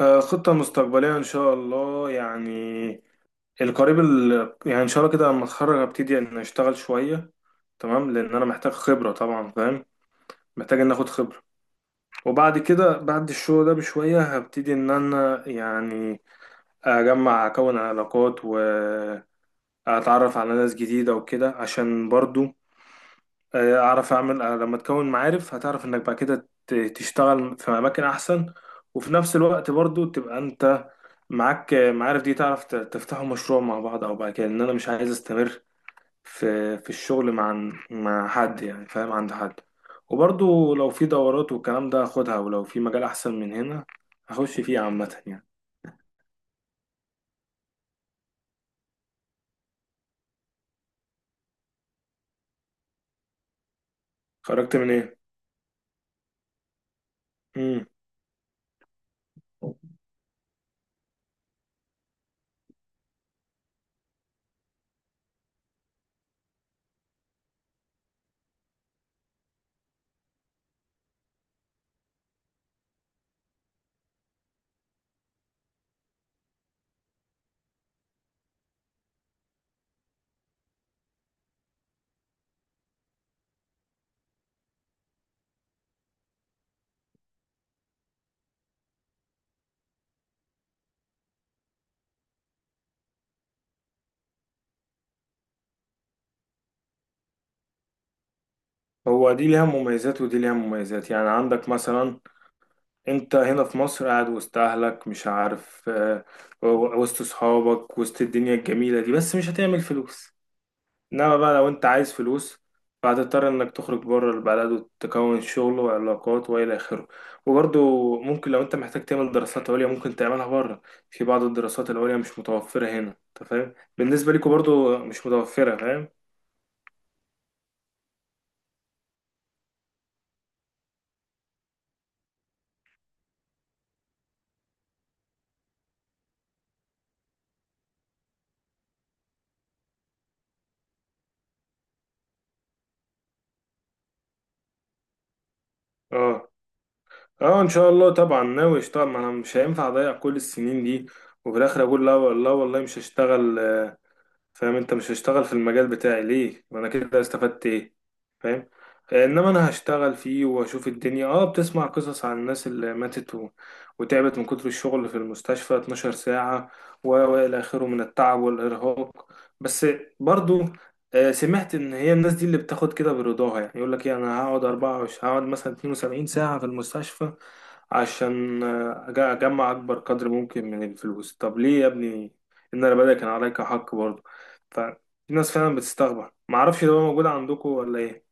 خطة مستقبلية إن شاء الله، يعني القريب يعني إن شاء الله كده لما أتخرج هبتدي إن أشتغل شوية. تمام، لأن أنا محتاج خبرة طبعا، فاهم. محتاج إن آخد خبرة. وبعد كده بعد الشغل ده بشوية هبتدي إن أنا يعني أجمع أكون علاقات وأتعرف على ناس جديدة وكده، عشان برضو اعرف اعمل. لما تكون معارف هتعرف انك بعد كده تشتغل في اماكن احسن، وفي نفس الوقت برضو تبقى انت معاك معارف، دي تعرف تفتحوا مشروع مع بعض. او بعد كده ان انا مش عايز استمر في الشغل مع حد، يعني فاهم، عند حد. وبرضو لو في دورات والكلام ده هاخدها، ولو في مجال احسن من هنا هخش فيه عامة يعني. خرجت من ايه؟ مم. هو دي ليها مميزات ودي ليها مميزات. يعني عندك مثلا انت هنا في مصر قاعد وسط اهلك، مش عارف، وسط صحابك، وسط الدنيا الجميلة دي، بس مش هتعمل فلوس. انما بقى لو انت عايز فلوس فهتضطر انك تخرج بره البلد وتكون شغل وعلاقات والى اخره. وبرضه ممكن لو انت محتاج تعمل دراسات عليا ممكن تعملها بره. في بعض الدراسات العليا مش متوفرة هنا، انت فاهم، بالنسبة ليكوا برضه مش متوفرة، فاهم. اه. اه، ان شاء الله طبعا ناوي اشتغل. ما انا مش هينفع اضيع كل السنين دي وفي الاخر اقول لا لا والله مش هشتغل. فاهم، انت مش هشتغل في المجال بتاعي ليه؟ وانا كده استفدت ايه؟ فاهم. انما انا هشتغل فيه واشوف الدنيا. اه بتسمع قصص عن الناس اللي ماتت وتعبت من كتر الشغل في المستشفى 12 ساعة، والى اخره من التعب والارهاق. بس برضو سمعت ان هي الناس دي اللي بتاخد كده برضاها، يعني يقول لك ايه انا هقعد 24، هقعد مثلا 72 ساعة في المستشفى، عشان اجمع اكبر قدر ممكن من الفلوس. طب ليه يا ابني؟ ان انا بدأ، كان عليك حق برضه. ففي ناس فعلا بتستغرب، معرفش ده موجود عندكم ولا ايه.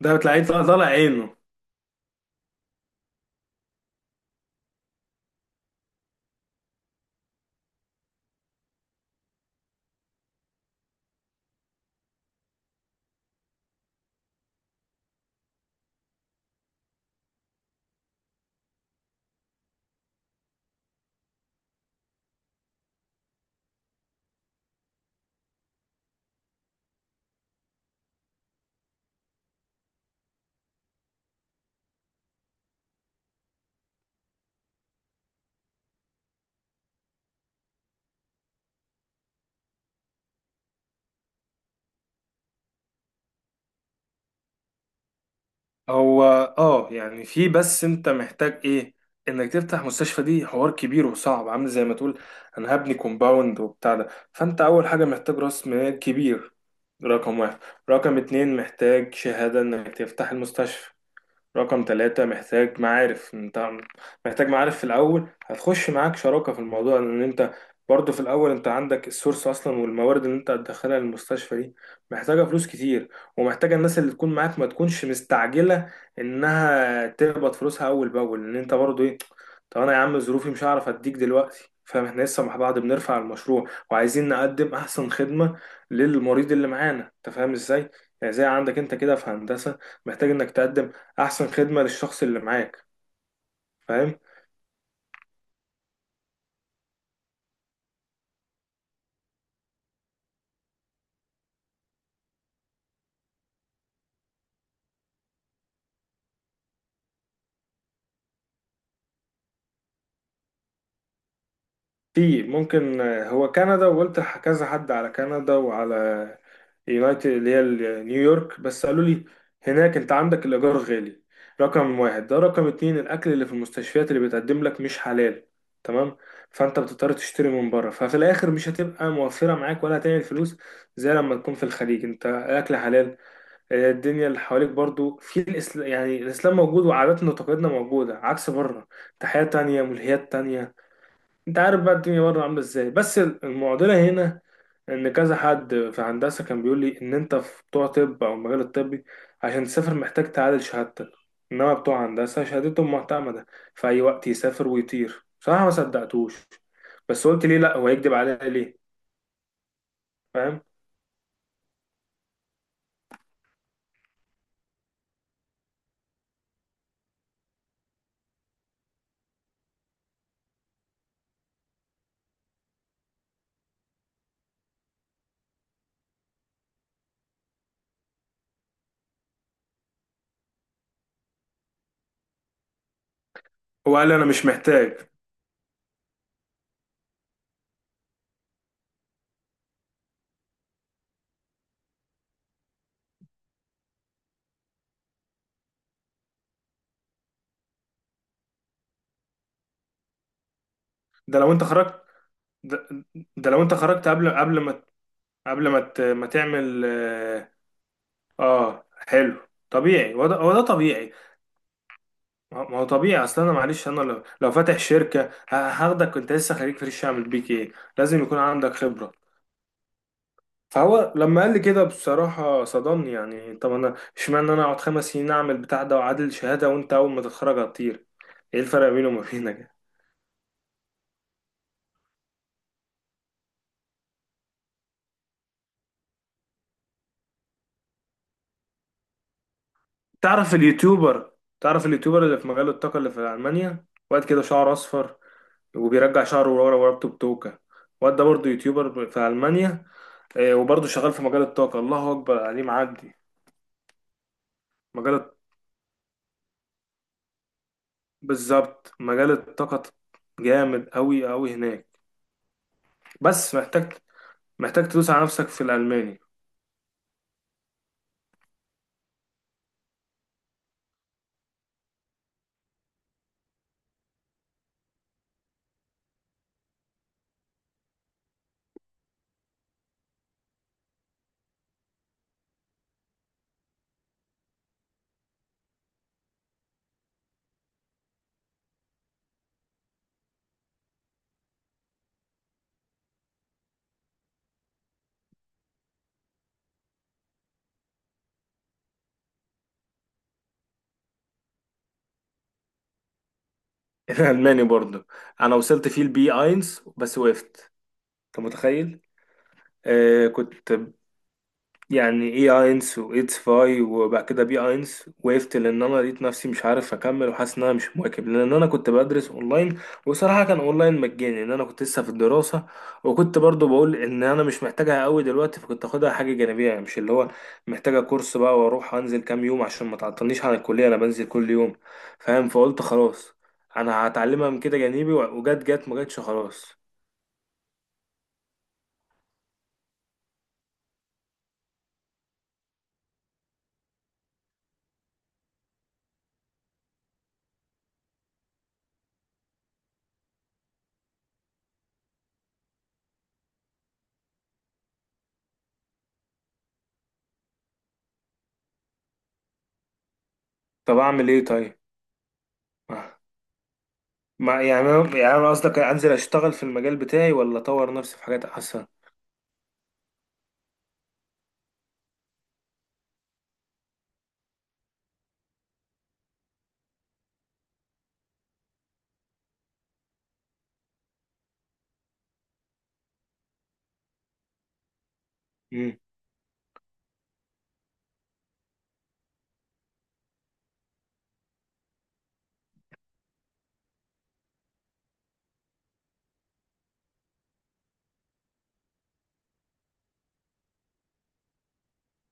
ده بتلاقيه طالع طالع عينه. هو اه يعني في، بس انت محتاج ايه؟ انك تفتح مستشفى دي حوار كبير وصعب، عامل زي ما تقول انا هبني كومباوند وبتاع ده. فانت اول حاجة محتاج راس مال كبير، رقم واحد. رقم اتنين محتاج شهادة انك تفتح المستشفى. رقم ثلاثة محتاج معارف. انت محتاج معارف في الأول، هتخش معاك شراكة في الموضوع، لأن انت برضه في الأول انت عندك السورس أصلا، والموارد اللي انت هتدخلها للمستشفى دي محتاجة فلوس كتير، ومحتاجة الناس اللي تكون معاك ما تكونش مستعجلة إنها تقبض فلوسها أول بأول. لأن انت برضه ايه، طب أنا يا عم ظروفي مش هعرف أديك دلوقتي، فاهم؟ احنا لسه مع بعض بنرفع المشروع وعايزين نقدم أحسن خدمة للمريض اللي معانا، انت فاهم ازاي؟ يعني زي عندك انت كده في هندسة، محتاج انك تقدم احسن خدمة للشخص اللي معاك، فاهم. في ممكن، هو كندا، وقلت كذا حد على كندا وعلى يونايتد اللي هي نيويورك، بس قالوا لي هناك انت عندك الايجار غالي، رقم واحد. ده رقم اتنين الاكل اللي في المستشفيات اللي بتقدم لك مش حلال، تمام؟ فانت بتضطر تشتري من بره، ففي الاخر مش هتبقى موفرة معاك ولا هتعمل فلوس. زي لما تكون في الخليج انت الاكل حلال، الدنيا اللي حواليك برضو في الإسلام، يعني الإسلام موجود وعاداتنا وتقاليدنا موجودة عكس بره. تحية تانية، ملهيات تانية، أنت عارف بقى الدنيا بره عاملة إزاي. بس المعضلة هنا إن كذا حد في هندسة كان بيقول لي إن أنت في بتوع طب أو المجال الطبي عشان تسافر محتاج تعادل شهادتك، إنما بتوع هندسة شهادتهم معتمدة في أي وقت يسافر ويطير. بصراحة ما صدقتوش، بس قلت ليه لأ، هو يكدب عليا ليه؟ فاهم. هو قال لي أنا مش محتاج. ده لو أنت خرجت. ده ده لو انت خرجت قبل ما، قبل ما تعمل. اه. حلو طبيعي، هو ده هو ده طبيعي. ما هو طبيعي. اصل انا معلش، انا لو فاتح شركه، هاخدك كنت لسه خريج فريش اعمل بيك ايه؟ لازم يكون عندك خبره. فهو لما قال لي كده بصراحه صدمني، يعني طب انا اشمعنى انا اقعد 5 سنين اعمل بتاع ده واعادل شهاده، وانت اول ما تتخرج هتطير؟ ايه الفرق بينه وما بينك؟ تعرف اليوتيوبر تعرف اليوتيوبر اللي في مجال الطاقة اللي في ألمانيا؟ واد كده شعره أصفر، وبيرجع شعره ورا ورا بتوكة. واد ده برضه يوتيوبر في ألمانيا، وبرضه شغال في مجال الطاقة. الله أكبر عليه، معدي. مجال الط- بالظبط مجال الطاقة. جامد أوي أوي هناك. بس محتاج تدوس على نفسك في الألماني. الألماني برضه. أنا وصلت فيه البي اينز بس وقفت، أنت متخيل؟ كنت يعني ايه اينس وايتس فاي، وبعد كده بي اينس وقفت، لان انا لقيت نفسي مش عارف اكمل وحاسس ان انا مش مواكب، لان انا كنت بدرس اونلاين. وصراحه كان اونلاين مجاني، ان انا كنت لسه في الدراسه. وكنت برضو بقول ان انا مش محتاجها قوي دلوقتي، فكنت اخدها حاجه جانبيه يعني، مش اللي هو محتاجه كورس بقى واروح انزل كام يوم، عشان ما تعطلنيش عن الكليه، انا بنزل كل يوم، فاهم. فقلت خلاص انا هتعلمها من كده جانبي، وجت جت ما جتش، خلاص. طب اعمل ايه طيب؟ آه. ما يعني أنا قصدك أنزل أشتغل في المجال بتاعي ولا أطور نفسي في حاجات أحسن؟ مم.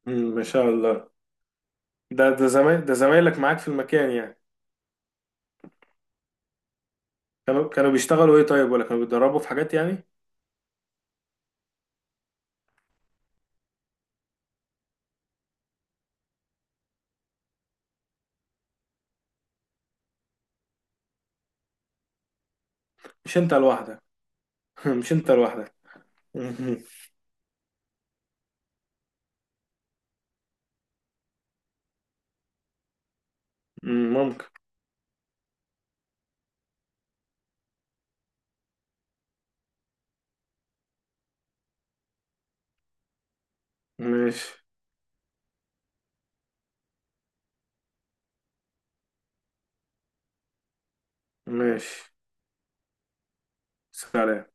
ما شاء الله. ده زمايلك معاك في المكان يعني؟ كانوا بيشتغلوا ايه طيب، ولا كانوا بيتدربوا في حاجات يعني؟ مش انت لوحدك. مش انت لوحدك. مهم. مم، ممكن. ماشي. ماشي. سلام.